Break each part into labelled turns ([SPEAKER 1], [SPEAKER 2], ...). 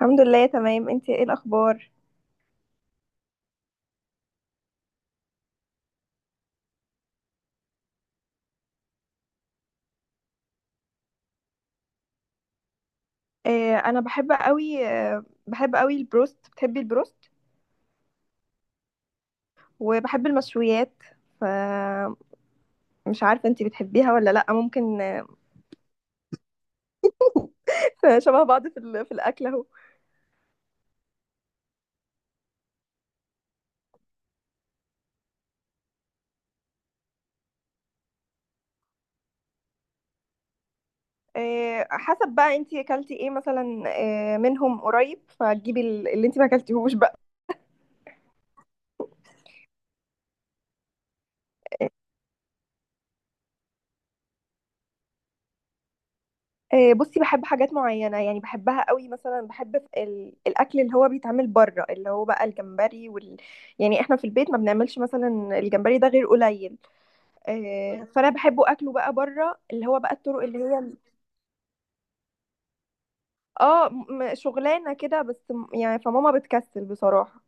[SPEAKER 1] الحمد لله تمام. انت ايه الاخبار؟ انا بحب قوي، بحب قوي البروست. بتحبي البروست؟ وبحب المشويات. فمش عارفه انت بتحبيها ولا لا. ممكن، شبه بعض في الاكل اهو. حسب بقى انت اكلتي ايه مثلا، منهم قريب فتجيبي اللي انت ما اكلتيهوش بقى. بصي، بحب حاجات معينه يعني، بحبها قوي. مثلا بحب الاكل اللي هو بيتعمل بره، اللي هو بقى الجمبري يعني احنا في البيت ما بنعملش مثلا الجمبري ده غير قليل. فانا بحبه اكله بقى بره، اللي هو بقى الطرق اللي هي اه، شغلانه كده بس، يعني فماما بتكسل بصراحه.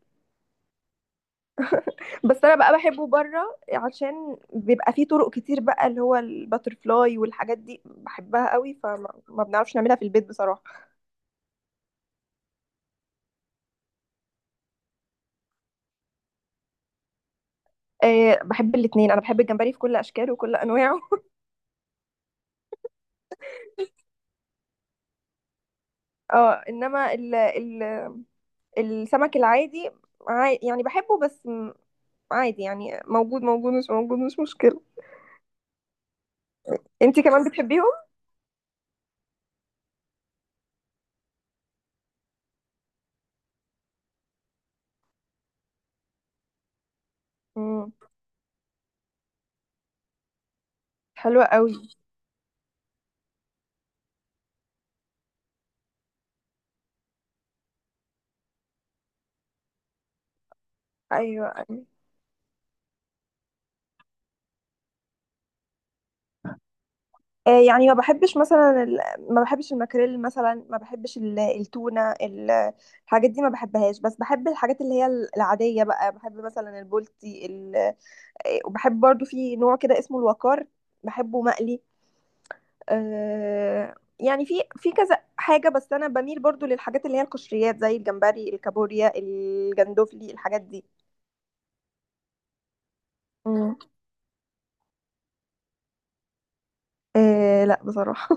[SPEAKER 1] بس انا بقى بحبه بره عشان بيبقى فيه طرق كتير بقى، اللي هو الباترفلاي والحاجات دي بحبها قوي، ما بنعرفش نعملها في البيت بصراحه. بحب الاتنين، انا بحب الجمبري في كل اشكاله وكل انواعه. اه، انما ال السمك العادي، يعني بحبه بس، عادي يعني. موجود مش موجود، مش مشكله. انتي كمان بتحبيهم؟ مم. حلوة قوي. ايوه ايوه. يعني ما بحبش مثلا ما بحبش الماكريل مثلا، ما بحبش التونة الحاجات دي ما بحبهاش. بس بحب الحاجات اللي هي العادية بقى. بحب مثلا البولتي آه، وبحب برضو في نوع كده اسمه الوقار، بحبه مقلي. يعني في كذا حاجة. بس أنا بميل برضو للحاجات اللي هي القشريات، زي الجمبري، الكابوريا، الجندوفلي، الحاجات دي. مم. آه لا بصراحة.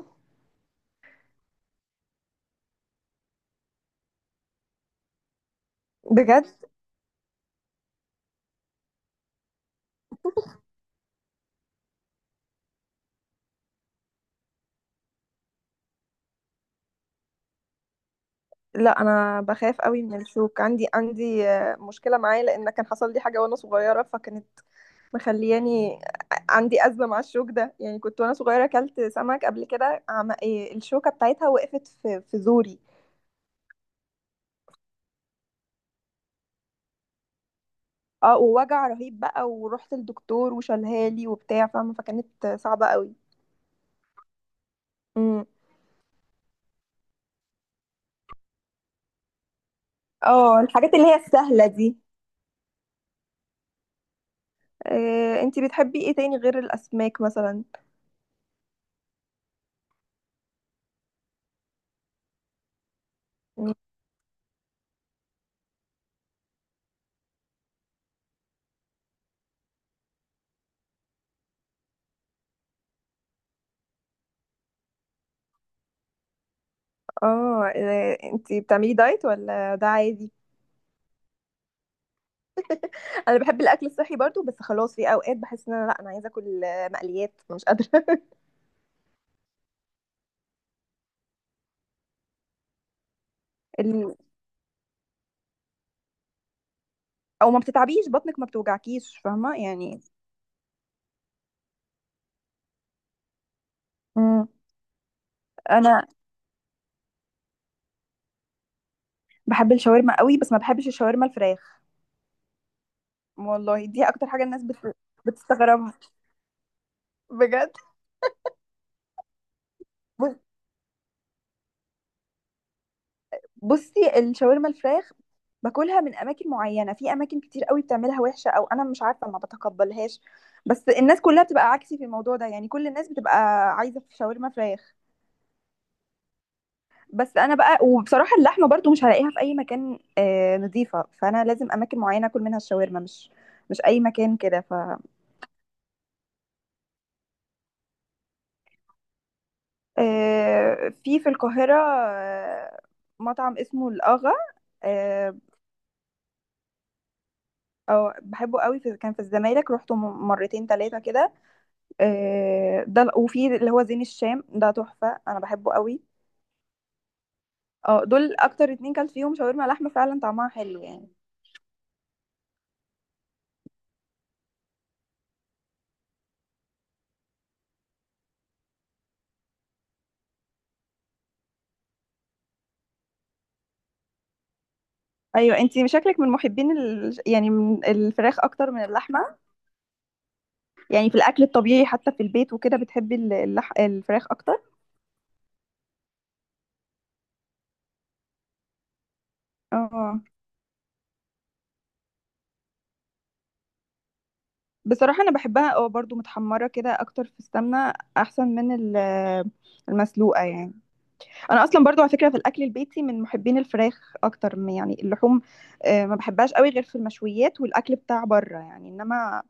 [SPEAKER 1] بجد؟ لا انا بخاف قوي من الشوك، عندي مشكله معاه، لان كان حصل لي حاجه وانا صغيره، فكانت مخلياني عندي ازمه مع الشوك ده. يعني كنت وانا صغيره اكلت سمك قبل كده، الشوكه بتاعتها وقفت في زوري. اه، ووجع رهيب بقى، ورحت للدكتور وشالها لي وبتاع، فاهمه؟ فكانت صعبه قوي. امم اه الحاجات اللي هي السهله دي. انتي بتحبي ايه تاني غير الاسماك مثلا؟ اه، انتي بتعملي دايت ولا ده عادي؟ انا بحب الاكل الصحي برضو، بس خلاص في اوقات بحس ان انا، لا انا عايزه اكل، مقليات، أنا مش قادره. ال... او ما بتتعبيش بطنك، ما بتوجعكيش، فاهمه يعني. مم. انا بحب الشاورما قوي، بس ما بحبش الشاورما الفراخ. والله دي اكتر حاجه الناس بتستغربها. بجد. بص- بصي، الشاورما الفراخ باكلها من اماكن معينه. في اماكن كتير قوي بتعملها وحشه، او انا مش عارفه ما بتقبلهاش. بس الناس كلها بتبقى عكسي في الموضوع ده يعني، كل الناس بتبقى عايزه في شاورما فراخ. بس انا بقى، وبصراحه اللحمه برضو مش هلاقيها في اي مكان نظيفه، فانا لازم اماكن معينه اكل منها الشاورما، مش اي مكان كده. ف في في القاهره مطعم اسمه الاغا. آه، أو بحبه قوي. في كان في الزمالك، روحته مرتين ثلاثه كده. ده وفي اللي هو زين الشام ده تحفه، انا بحبه قوي. اه، دول اكتر اتنين كلت فيهم شاورما لحمه، فعلا طعمها حلو يعني. ايوه انتي شكلك من محبين يعني من الفراخ اكتر من اللحمه. يعني في الاكل الطبيعي حتى في البيت وكده، بتحبي الفراخ اكتر. اه، بصراحه انا بحبها اه برضو متحمره كده، اكتر في السمنه، احسن من المسلوقه يعني. انا اصلا برضو على فكره في الاكل البيتي من محبين الفراخ اكتر من، يعني، اللحوم. ما بحبهاش قوي غير في المشويات والاكل بتاع بره يعني، انما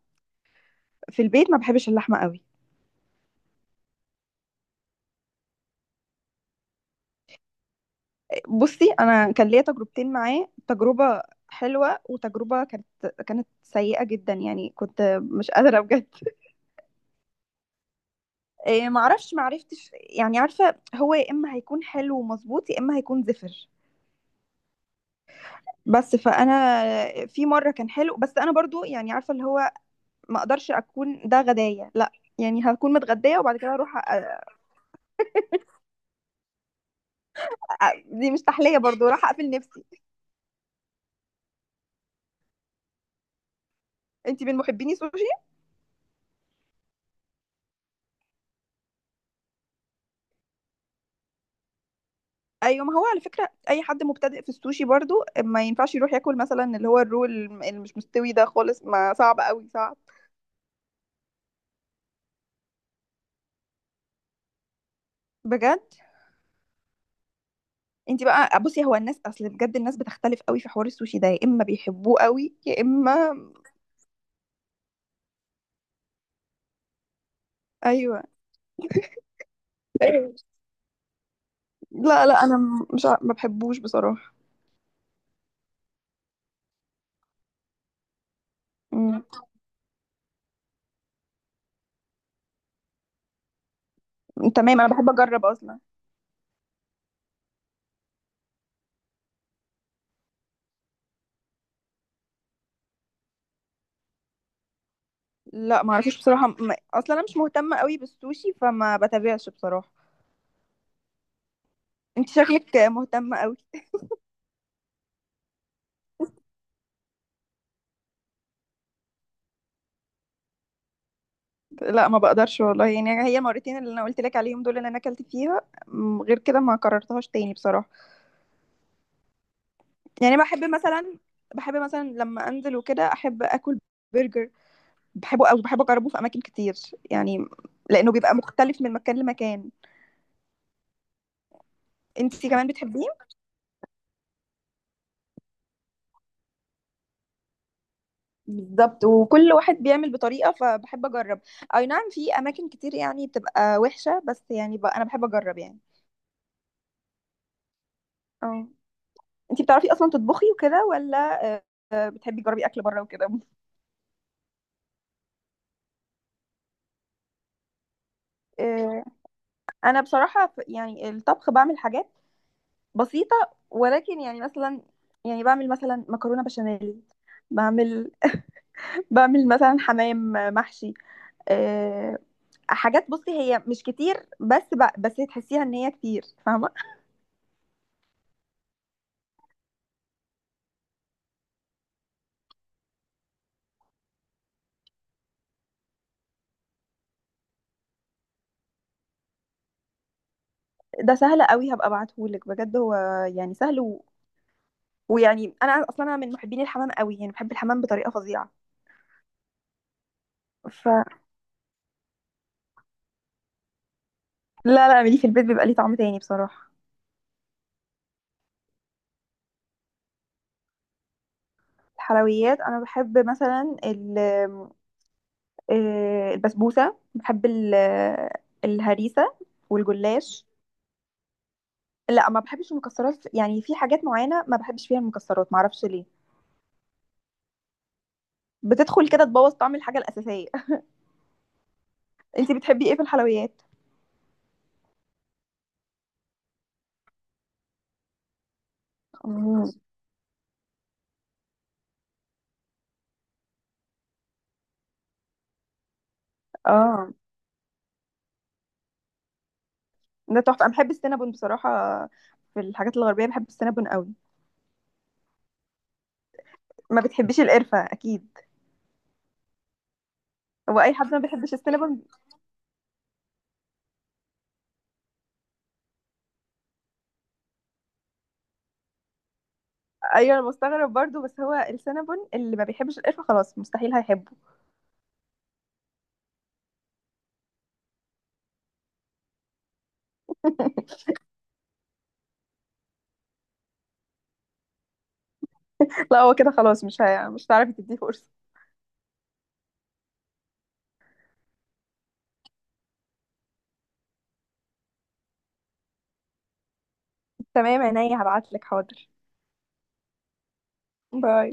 [SPEAKER 1] في البيت ما بحبش اللحمه قوي. بصي انا كان ليا تجربتين معاه، تجربه حلوة وتجربة كانت سيئة جدا، يعني كنت مش قادرة بجد. إيه، معرفتش، يعني عارفة هو يا إما هيكون حلو ومظبوط، يا إما هيكون زفر. بس فأنا، في مرة كان حلو، بس أنا برضو يعني عارفة اللي هو ما أقدرش أكون ده غداية، لا. يعني هكون متغدية وبعد كده أروح دي مش تحلية برضو، راح أقفل نفسي. أنت من محبيني سوشي. أيوة. ما هو على فكرة أي حد مبتدئ في السوشي برضو ما ينفعش يروح ياكل مثلا اللي هو الرول اللي مش مستوي ده خالص، ما صعب قوي، صعب. بجد. انت بقى بصي، هو الناس، اصل بجد الناس بتختلف قوي في حوار السوشي ده، يا اما بيحبوه قوي، يا اما، ايوه ايوه. لا لا انا مش ما بحبوش بصراحه. امم تمام، انا بحب اجرب اصلا. لا ما اعرفش بصراحه، ما... اصلا انا مش مهتمه قوي بالسوشي، فما بتابعش بصراحه. انت شكلك مهتمه قوي. لا ما بقدرش والله يعني. هي المرتين اللي انا قلت لك عليهم دول اللي انا اكلت فيها، غير كده ما كررتهاش تاني بصراحه. يعني بحب مثلا، لما انزل وكده احب اكل برجر. بحبه قوي، بحب اجربه في اماكن كتير يعني، لانه بيبقى مختلف من مكان لمكان. انتي كمان بتحبيه. بالظبط، وكل واحد بيعمل بطريقة، فبحب أجرب. أي نعم في أماكن كتير يعني بتبقى وحشة، بس يعني، أنا بحب أجرب يعني. اه، انتي بتعرفي اصلا تطبخي وكده ولا، آه، بتحبي تجربي اكل بره وكده؟ آه، أنا بصراحة، يعني الطبخ بعمل حاجات بسيطة، ولكن يعني مثلا، يعني بعمل مثلا مكرونة بشاميل، بعمل، بعمل مثلا حمام محشي. آه، حاجات بُصّي هي مش كتير، بس بس تحسّيها إن هي كتير، فاهمة؟ ده سهل أوي، هابقى ابعته لِك بجد. هو يعني سهل، و، ويعني أنا أصلًا أنا من محبين الحمام أوي، يعني باحب الحمام بطريقة فظيعة. ف لا، لا، اعمليه في البيت بيبقى ليه طعم تاني بصراحة. الحلويات أنا باحب مثلًا ال البسبوسة، باحب ال الهريسة والجلاش. لأ، ما باحبش المكسرات، يعني في حاجات معيّنة ما باحبش فيها المكسرات، ما أعرفش ليه. بتدخل كده تبوّظ طعم الحاجة الأساسية. أنتِ بتحبي إيه في الحلويات؟ مم. اه ده تحفه، انا بحب السينابون بصراحه. في الحاجات الغربيه بحب السينابون قوي. ما بتحبيش القرفه اكيد. هو اي حد ما بيحبش السينابون. ايوه انا مستغرب برضو، بس هو السينابون اللي ما بيحبش القرفه خلاص مستحيل هيحبه. لا هو كده خلاص، مش هتعرفي تديه فرصه. تمام عينيا هبعت لك، حاضر. باي.